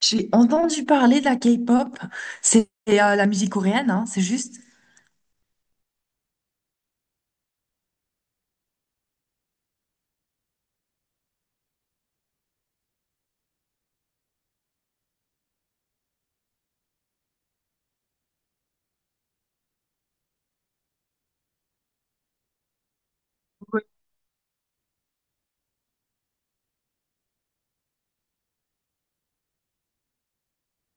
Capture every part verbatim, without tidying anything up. J'ai entendu parler de la K-pop. C'est euh, la musique coréenne, hein, c'est juste. Ouais.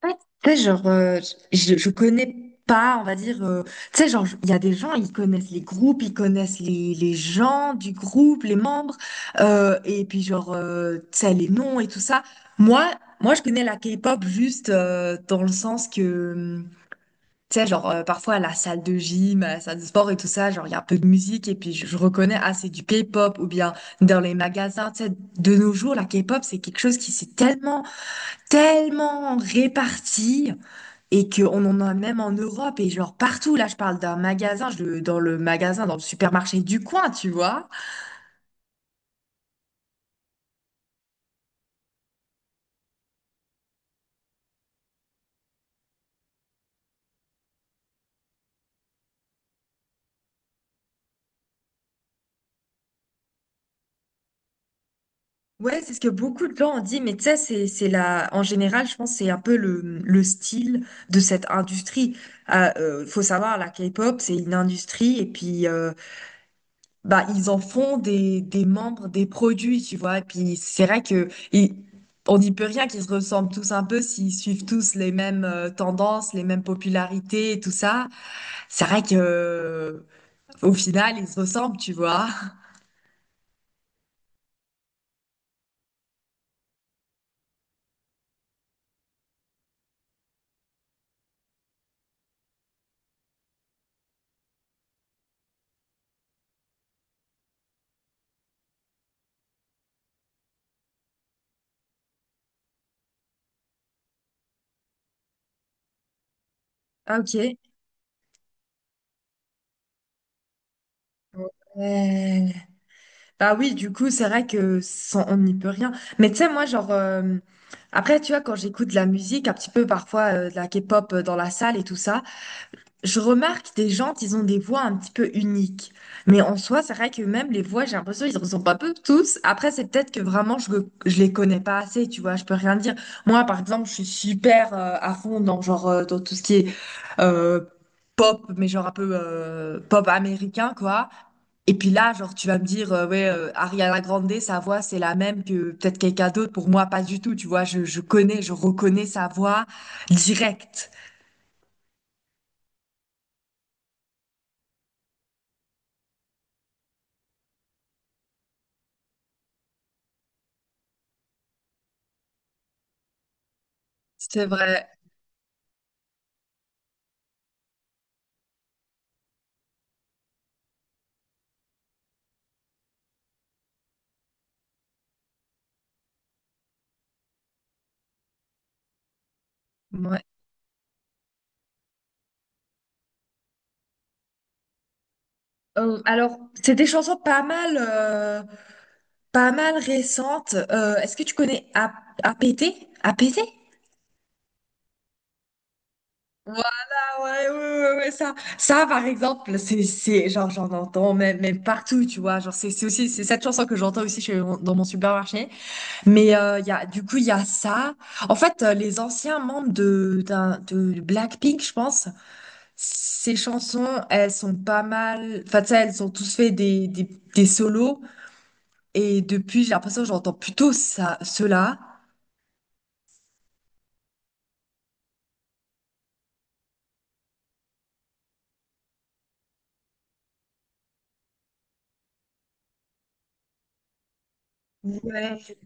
Ouais, tu sais, genre, euh, je, je connais pas, on va dire. Euh, tu sais, genre, il y a des gens, ils connaissent les groupes, ils connaissent les, les gens du groupe, les membres, euh, et puis, genre, euh, tu sais, les noms et tout ça. Moi, moi, je connais la K-pop juste euh, dans le sens que. hum, Tu sais, genre, euh, parfois à la salle de gym, à la salle de sport et tout ça, genre, il y a un peu de musique et puis je, je reconnais, ah, c'est du K-pop ou bien dans les magasins, tu sais, de nos jours, la K-pop, c'est quelque chose qui s'est tellement, tellement réparti et qu'on en a même en Europe et genre partout. Là, je parle d'un magasin, je, le- dans le magasin, dans le supermarché du coin, tu vois. Ouais, c'est ce que beaucoup de gens ont dit, mais tu sais, c'est, c'est la, en général, je pense, que c'est un peu le, le style de cette industrie. Euh, euh, faut savoir, la K-pop, c'est une industrie, et puis, euh, bah, ils en font des, des membres, des produits, tu vois, et puis c'est vrai que, et on n'y peut rien qu'ils se ressemblent tous un peu s'ils suivent tous les mêmes euh, tendances, les mêmes popularités et tout ça. C'est vrai que, euh, au final, ils se ressemblent, tu vois. Ah, ok. Euh, Bah oui, du coup, c'est vrai que sans- on n'y peut rien. Mais tu sais, moi, genre, euh, après, tu vois, quand j'écoute de la musique, un petit peu parfois euh, de la K-pop euh, dans la salle et tout ça, je remarque des gens, ils ont des voix un petit peu uniques. Mais en soi, c'est vrai que même les voix, j'ai l'impression qu'ils ne ressemblent pas peu tous. Après, c'est peut-être que vraiment, je ne les connais pas assez, tu vois. Je peux rien dire. Moi, par exemple, je suis super euh, à fond dans, genre, euh, dans tout ce qui est euh, pop, mais genre un peu euh, pop américain, quoi. Et puis là, genre, tu vas me dire, euh, ouais, euh, Ariana Grande, sa voix, c'est la même que peut-être quelqu'un d'autre. Pour moi, pas du tout, tu vois. Je, je connais, je reconnais sa voix directe. C'est vrai. Euh, alors, c'est des chansons pas mal, euh, pas mal récentes. Euh, est-ce que tu connais A- APT? A P T? Ouais, ouais, ouais, ouais, ouais, ça, ça, par exemple, c'est, c'est, genre, j'en entends même, même partout, tu vois. Genre, c'est, c'est aussi, c'est cette chanson que j'entends aussi chez mon- dans mon supermarché. Mais, euh, il y a, du coup, il y a ça. En fait, euh, les anciens membres de, d'un, de Blackpink, je pense, ces chansons, elles sont pas mal, enfin, tu sais, elles ont tous fait des, des, des solos. Et depuis, j'ai l'impression que j'entends plutôt ça, cela. Ouais.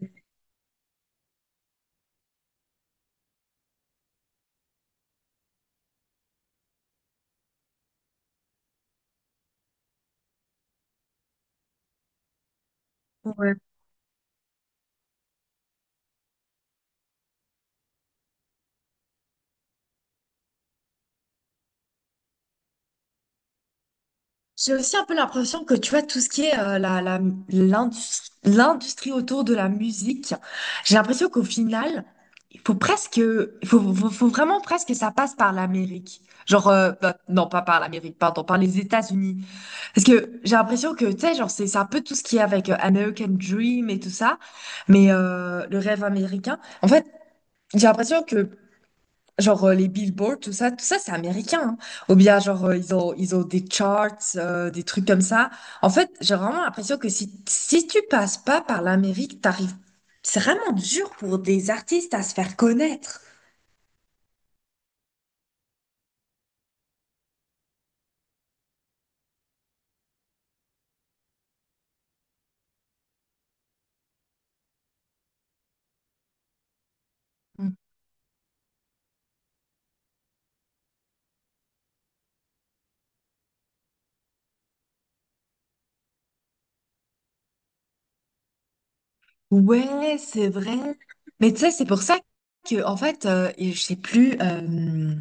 Ouais. J'ai aussi un peu l'impression que tu vois tout ce qui est euh, la, la- l'indus- l'industrie autour de la musique. J'ai l'impression qu'au final, il faut presque, il faut, faut- faut vraiment presque que ça passe par l'Amérique. Genre, euh, bah, non, pas par l'Amérique, pardon, par les États-Unis. Parce que j'ai l'impression que, tu sais, genre, c'est c'est un peu tout ce qui est avec euh, American Dream et tout ça, mais euh, le rêve américain. En fait, j'ai l'impression que genre euh, les billboards, tout ça, tout ça c'est américain, hein. Ou bien genre euh, ils ont ils ont des charts, euh, des trucs comme ça. En fait, j'ai vraiment l'impression que si si tu passes pas par l'Amérique, t'arrives. C'est vraiment dur pour des artistes à se faire connaître. Mm. Ouais, c'est vrai. Mais tu sais, c'est pour ça que en fait, euh, et je sais plus. euh,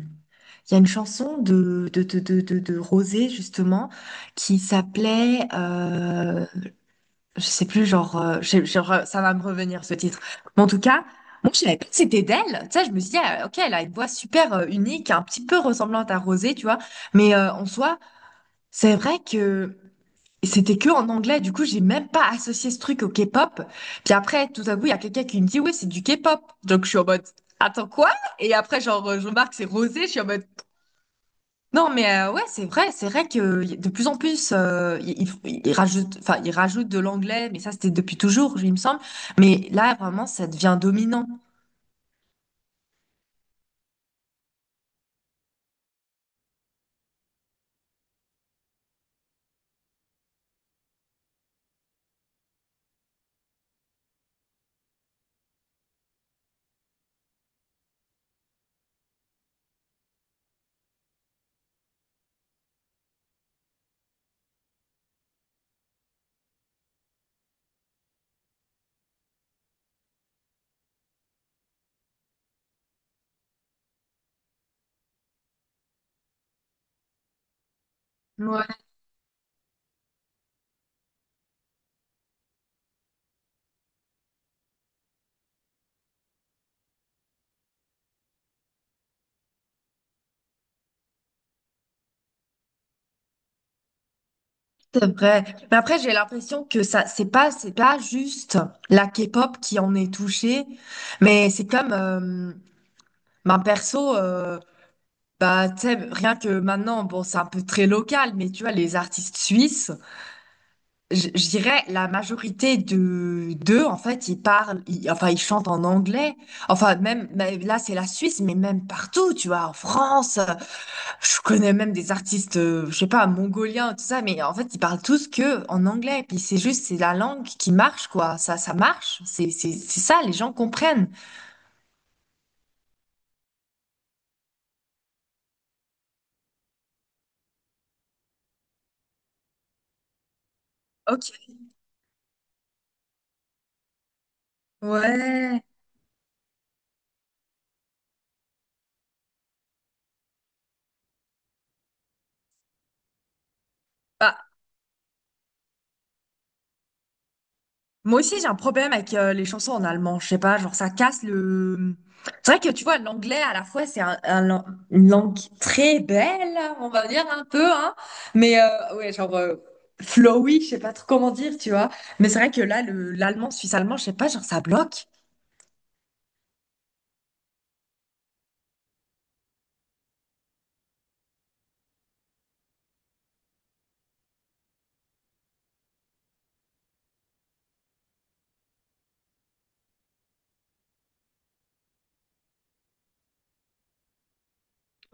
Il y a une chanson de de de de de, de Rosé justement qui s'appelait. Euh, je sais plus, genre, euh, je- je re- ça va me revenir ce titre. Mais en tout cas, moi, je savais pas que c'était d'elle. Tu sais, je me suis dit, ah, ok, elle a une voix super euh, unique, un petit peu ressemblante à Rosé, tu vois. Mais euh, en soi, c'est vrai que c'était que en anglais. Du coup, j'ai même pas associé ce truc au K-pop. Puis après, tout à coup, il y a quelqu'un qui me dit, ouais c'est du K-pop. Donc, je suis en mode, attends quoi? Et après, genre, euh, je remarque, c'est Rosé. Je suis en mode, non, mais euh, ouais, c'est vrai, c'est vrai que y- de plus en plus, euh, ils ils- ils rajoutent, enfin, ils rajoutent de l'anglais, mais ça, c'était depuis toujours, il me semble. Mais là, vraiment, ça devient dominant. Ouais, c'est vrai. Mais après, j'ai l'impression que ça, c'est pas, c'est pas juste la K-pop qui en est touchée, mais c'est comme, euh, ben, perso, euh, bah, tu sais, rien que maintenant, bon, c'est un peu très local, mais tu vois, les artistes suisses. Je, je dirais la majorité de d'eux, en fait, ils parlent, ils- enfin, ils chantent en anglais. Enfin, même mais là, c'est la Suisse, mais même partout, tu vois, en France, euh, je connais même des artistes, euh, je sais pas, mongoliens, tout ça, mais en fait, ils parlent tous que en anglais. Puis c'est juste, c'est la langue qui marche, quoi. Ça, ça marche. C'est, c'est, c'est ça, les gens comprennent. Ok. Ouais. Bah, moi aussi, j'ai un problème avec euh, les chansons en allemand. Je sais pas, genre ça casse le. C'est vrai que tu vois, l'anglais à la fois c'est un, un lang- une langue très belle, on va dire un peu, hein. Mais euh, ouais, genre euh, flowy, je sais pas trop comment dire, tu vois. Mais c'est vrai que là, le l'allemand suisse-allemand, je sais pas, genre ça bloque.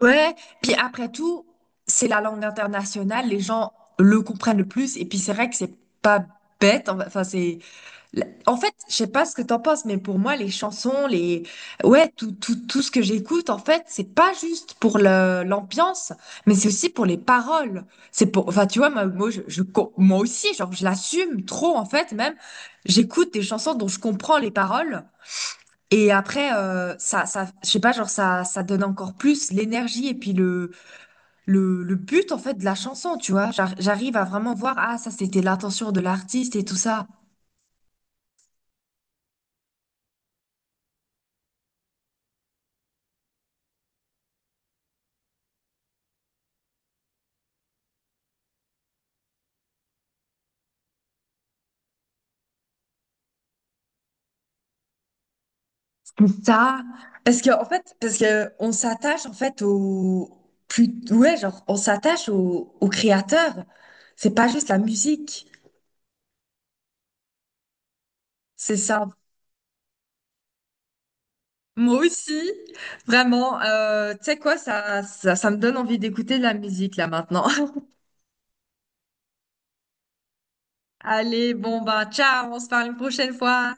Ouais. Puis après tout, c'est la langue internationale, les gens le comprennent le plus. Et puis c'est vrai que c'est pas bête, en- enfin c'est La- en fait, je sais pas ce que t'en penses, mais pour moi, les chansons, les, ouais, tout, tout, tout ce que j'écoute, en fait, c'est pas juste pour le- l'ambiance, mais c'est aussi pour les paroles. C'est pour, enfin, tu vois, moi, moi, je, je co- moi aussi, genre, je l'assume trop, en fait, même, j'écoute des chansons dont je comprends les paroles, et après, euh, ça, ça, je sais pas, genre, ça, ça donne encore plus l'énergie et puis le, le, le but, en fait, de la chanson, tu vois. J'ar- J'arrive à vraiment voir, ah, ça, c'était l'intention de l'artiste et tout ça. Ça, parce que en fait, parce que on s'attache en fait au plus, ouais, genre on s'attache au, au créateur. C'est pas juste la musique, c'est ça. Moi aussi, vraiment. Euh, tu sais quoi, ça, ça, ça me donne envie d'écouter de la musique là maintenant. Allez, bon bah ciao, on se parle une prochaine fois.